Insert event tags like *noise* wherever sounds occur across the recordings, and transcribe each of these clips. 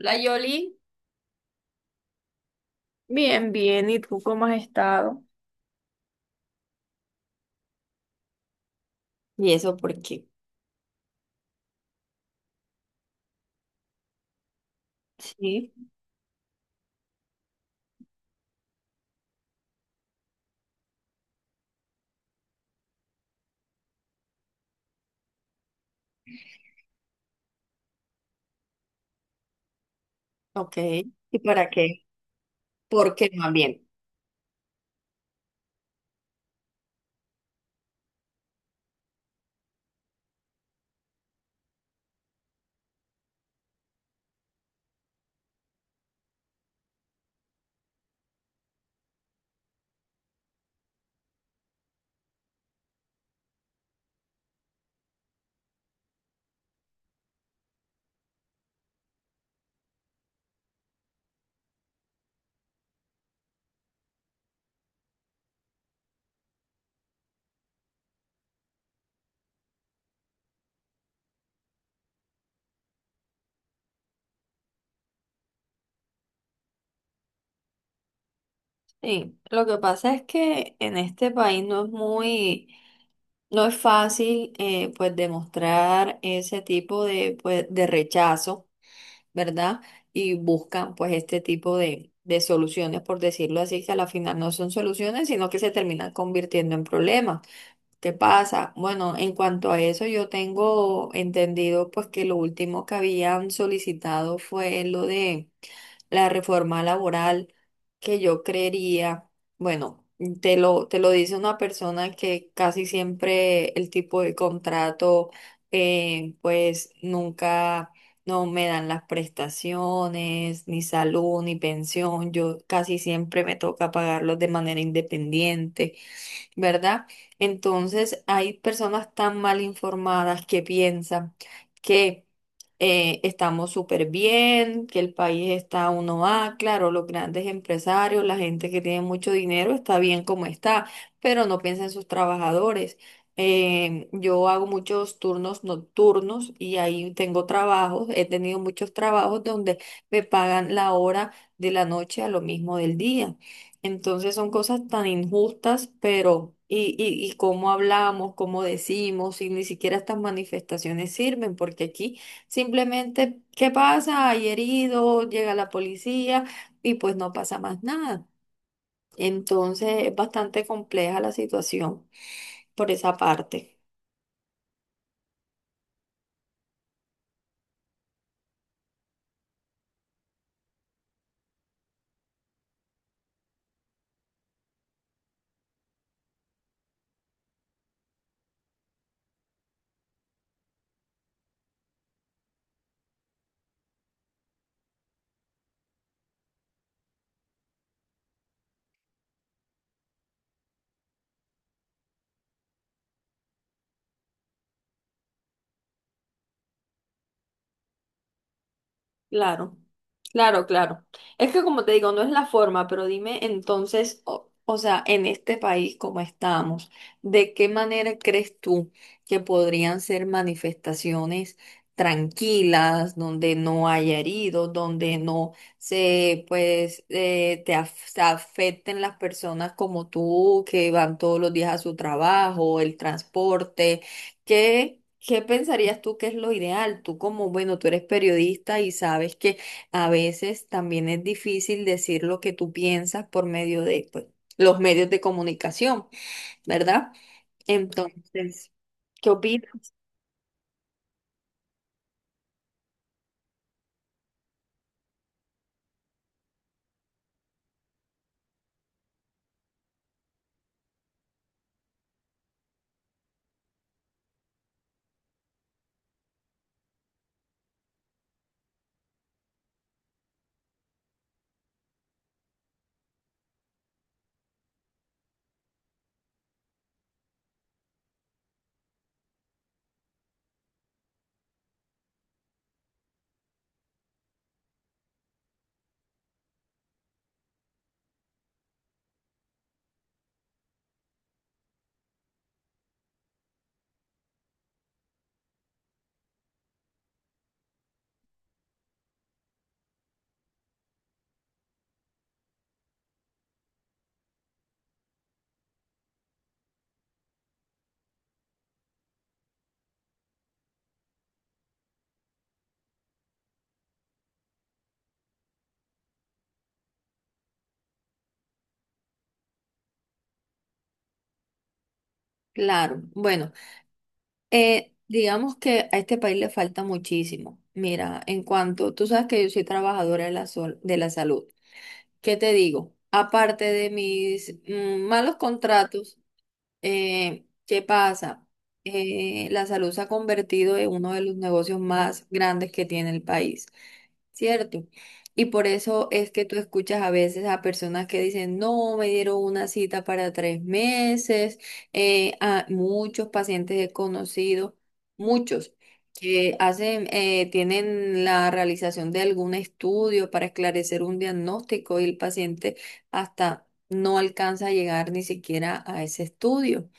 La Yoli. Bien, bien. ¿Y tú cómo has estado? ¿Y eso por qué? Sí. Ok. ¿Y para qué? ¿Por qué más bien? Sí, lo que pasa es que en este país no es muy, no es fácil pues demostrar ese tipo de, pues, de rechazo, ¿verdad? Y buscan pues este tipo de soluciones, por decirlo así, que a la final no son soluciones, sino que se terminan convirtiendo en problemas. ¿Qué pasa? Bueno, en cuanto a eso, yo tengo entendido pues que lo último que habían solicitado fue lo de la reforma laboral, que yo creería, bueno, te lo dice una persona que casi siempre el tipo de contrato, pues nunca no me dan las prestaciones, ni salud, ni pensión, yo casi siempre me toca pagarlos de manera independiente. ¿Verdad? Entonces hay personas tan mal informadas que piensan que estamos súper bien, que el país está uno a claro, los grandes empresarios, la gente que tiene mucho dinero está bien como está, pero no piensa en sus trabajadores. Yo hago muchos turnos nocturnos y ahí tengo trabajos, he tenido muchos trabajos donde me pagan la hora de la noche a lo mismo del día. Entonces son cosas tan injustas, pero y cómo hablamos, cómo decimos, y ni siquiera estas manifestaciones sirven, porque aquí simplemente, ¿qué pasa? Hay herido, llega la policía y pues no pasa más nada. Entonces es bastante compleja la situación por esa parte. Claro, claro, claro. Es que como te digo, no es la forma, pero dime entonces, o sea, en este país como estamos, ¿de qué manera crees tú que podrían ser manifestaciones tranquilas, donde no haya heridos, donde no se, pues, se afecten las personas como tú que van todos los días a su trabajo, el transporte? ¿Qué, qué pensarías tú que es lo ideal? Tú como, bueno, tú eres periodista y sabes que a veces también es difícil decir lo que tú piensas por medio de, pues, los medios de comunicación, ¿verdad? Entonces, ¿qué opinas? Claro, bueno, digamos que a este país le falta muchísimo. Mira, en cuanto, tú sabes que yo soy trabajadora de la, sol- de la salud. ¿Qué te digo? Aparte de mis malos contratos. ¿Qué pasa? La salud se ha convertido en uno de los negocios más grandes que tiene el país, ¿cierto? Y por eso es que tú escuchas a veces a personas que dicen, no, me dieron una cita para 3 meses. A muchos pacientes he conocido, muchos, que hacen, tienen la realización de algún estudio para esclarecer un diagnóstico y el paciente hasta no alcanza a llegar ni siquiera a ese estudio.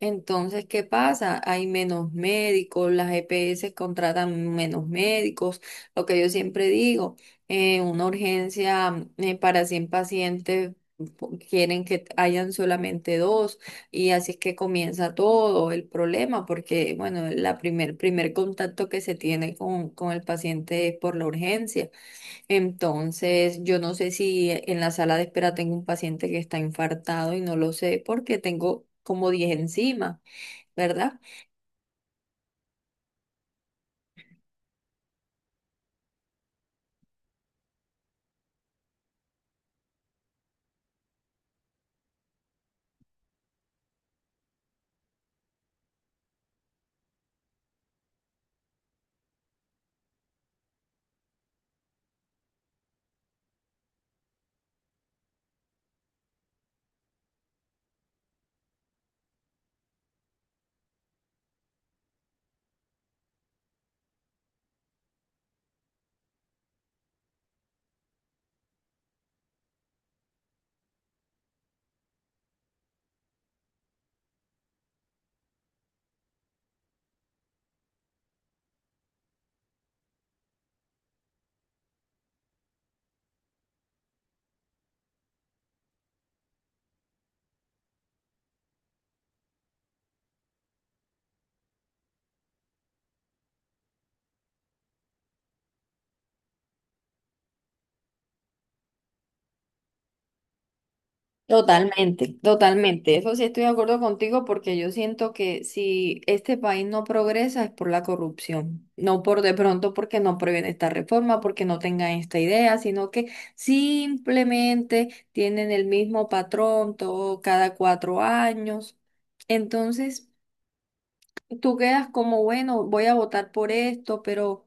Entonces, ¿qué pasa? Hay menos médicos, las EPS contratan menos médicos. Lo que yo siempre digo, una urgencia para 100 pacientes quieren que hayan solamente dos, y así es que comienza todo el problema porque, bueno, la primer contacto que se tiene con el paciente es por la urgencia. Entonces, yo no sé si en la sala de espera tengo un paciente que está infartado y no lo sé porque tengo como 10 encima. ¿Verdad? Totalmente, totalmente. Eso sí estoy de acuerdo contigo porque yo siento que si este país no progresa es por la corrupción, no por de pronto porque no previene esta reforma, porque no tengan esta idea, sino que simplemente tienen el mismo patrón todo cada 4 años. Entonces, tú quedas como, bueno, voy a votar por esto, pero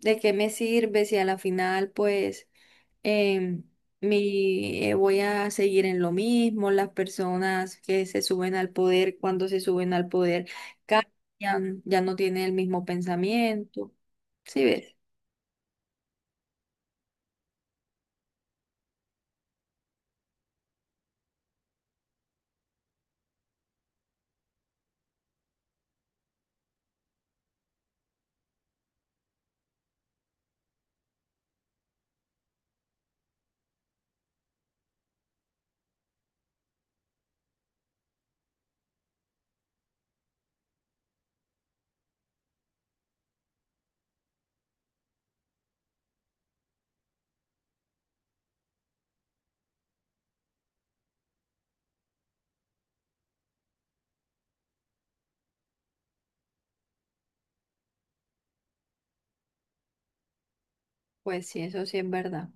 ¿de qué me sirve si a la final, pues... em, voy a seguir en lo mismo, las personas que se suben al poder, cuando se suben al poder, cambian, ya no tienen el mismo pensamiento. ¿Sí ves? Pues sí, eso sí es verdad.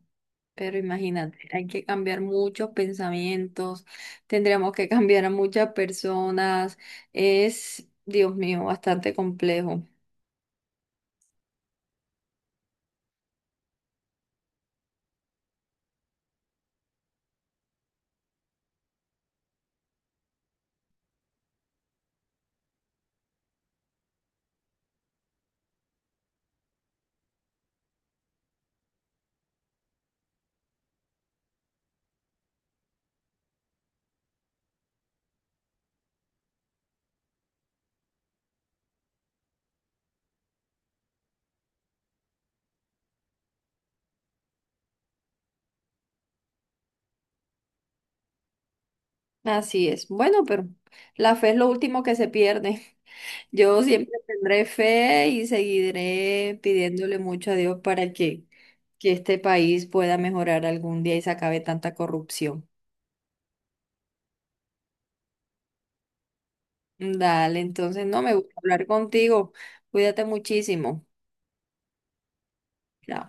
Pero imagínate, hay que cambiar muchos pensamientos, tendríamos que *laughs* cambiar a muchas personas. Es, Dios mío, bastante complejo. Así es. Bueno, pero la fe es lo último que se pierde. Yo siempre tendré fe y seguiré pidiéndole mucho a Dios para que este país pueda mejorar algún día y se acabe tanta corrupción. Dale, entonces no me gusta hablar contigo. Cuídate muchísimo. Chao.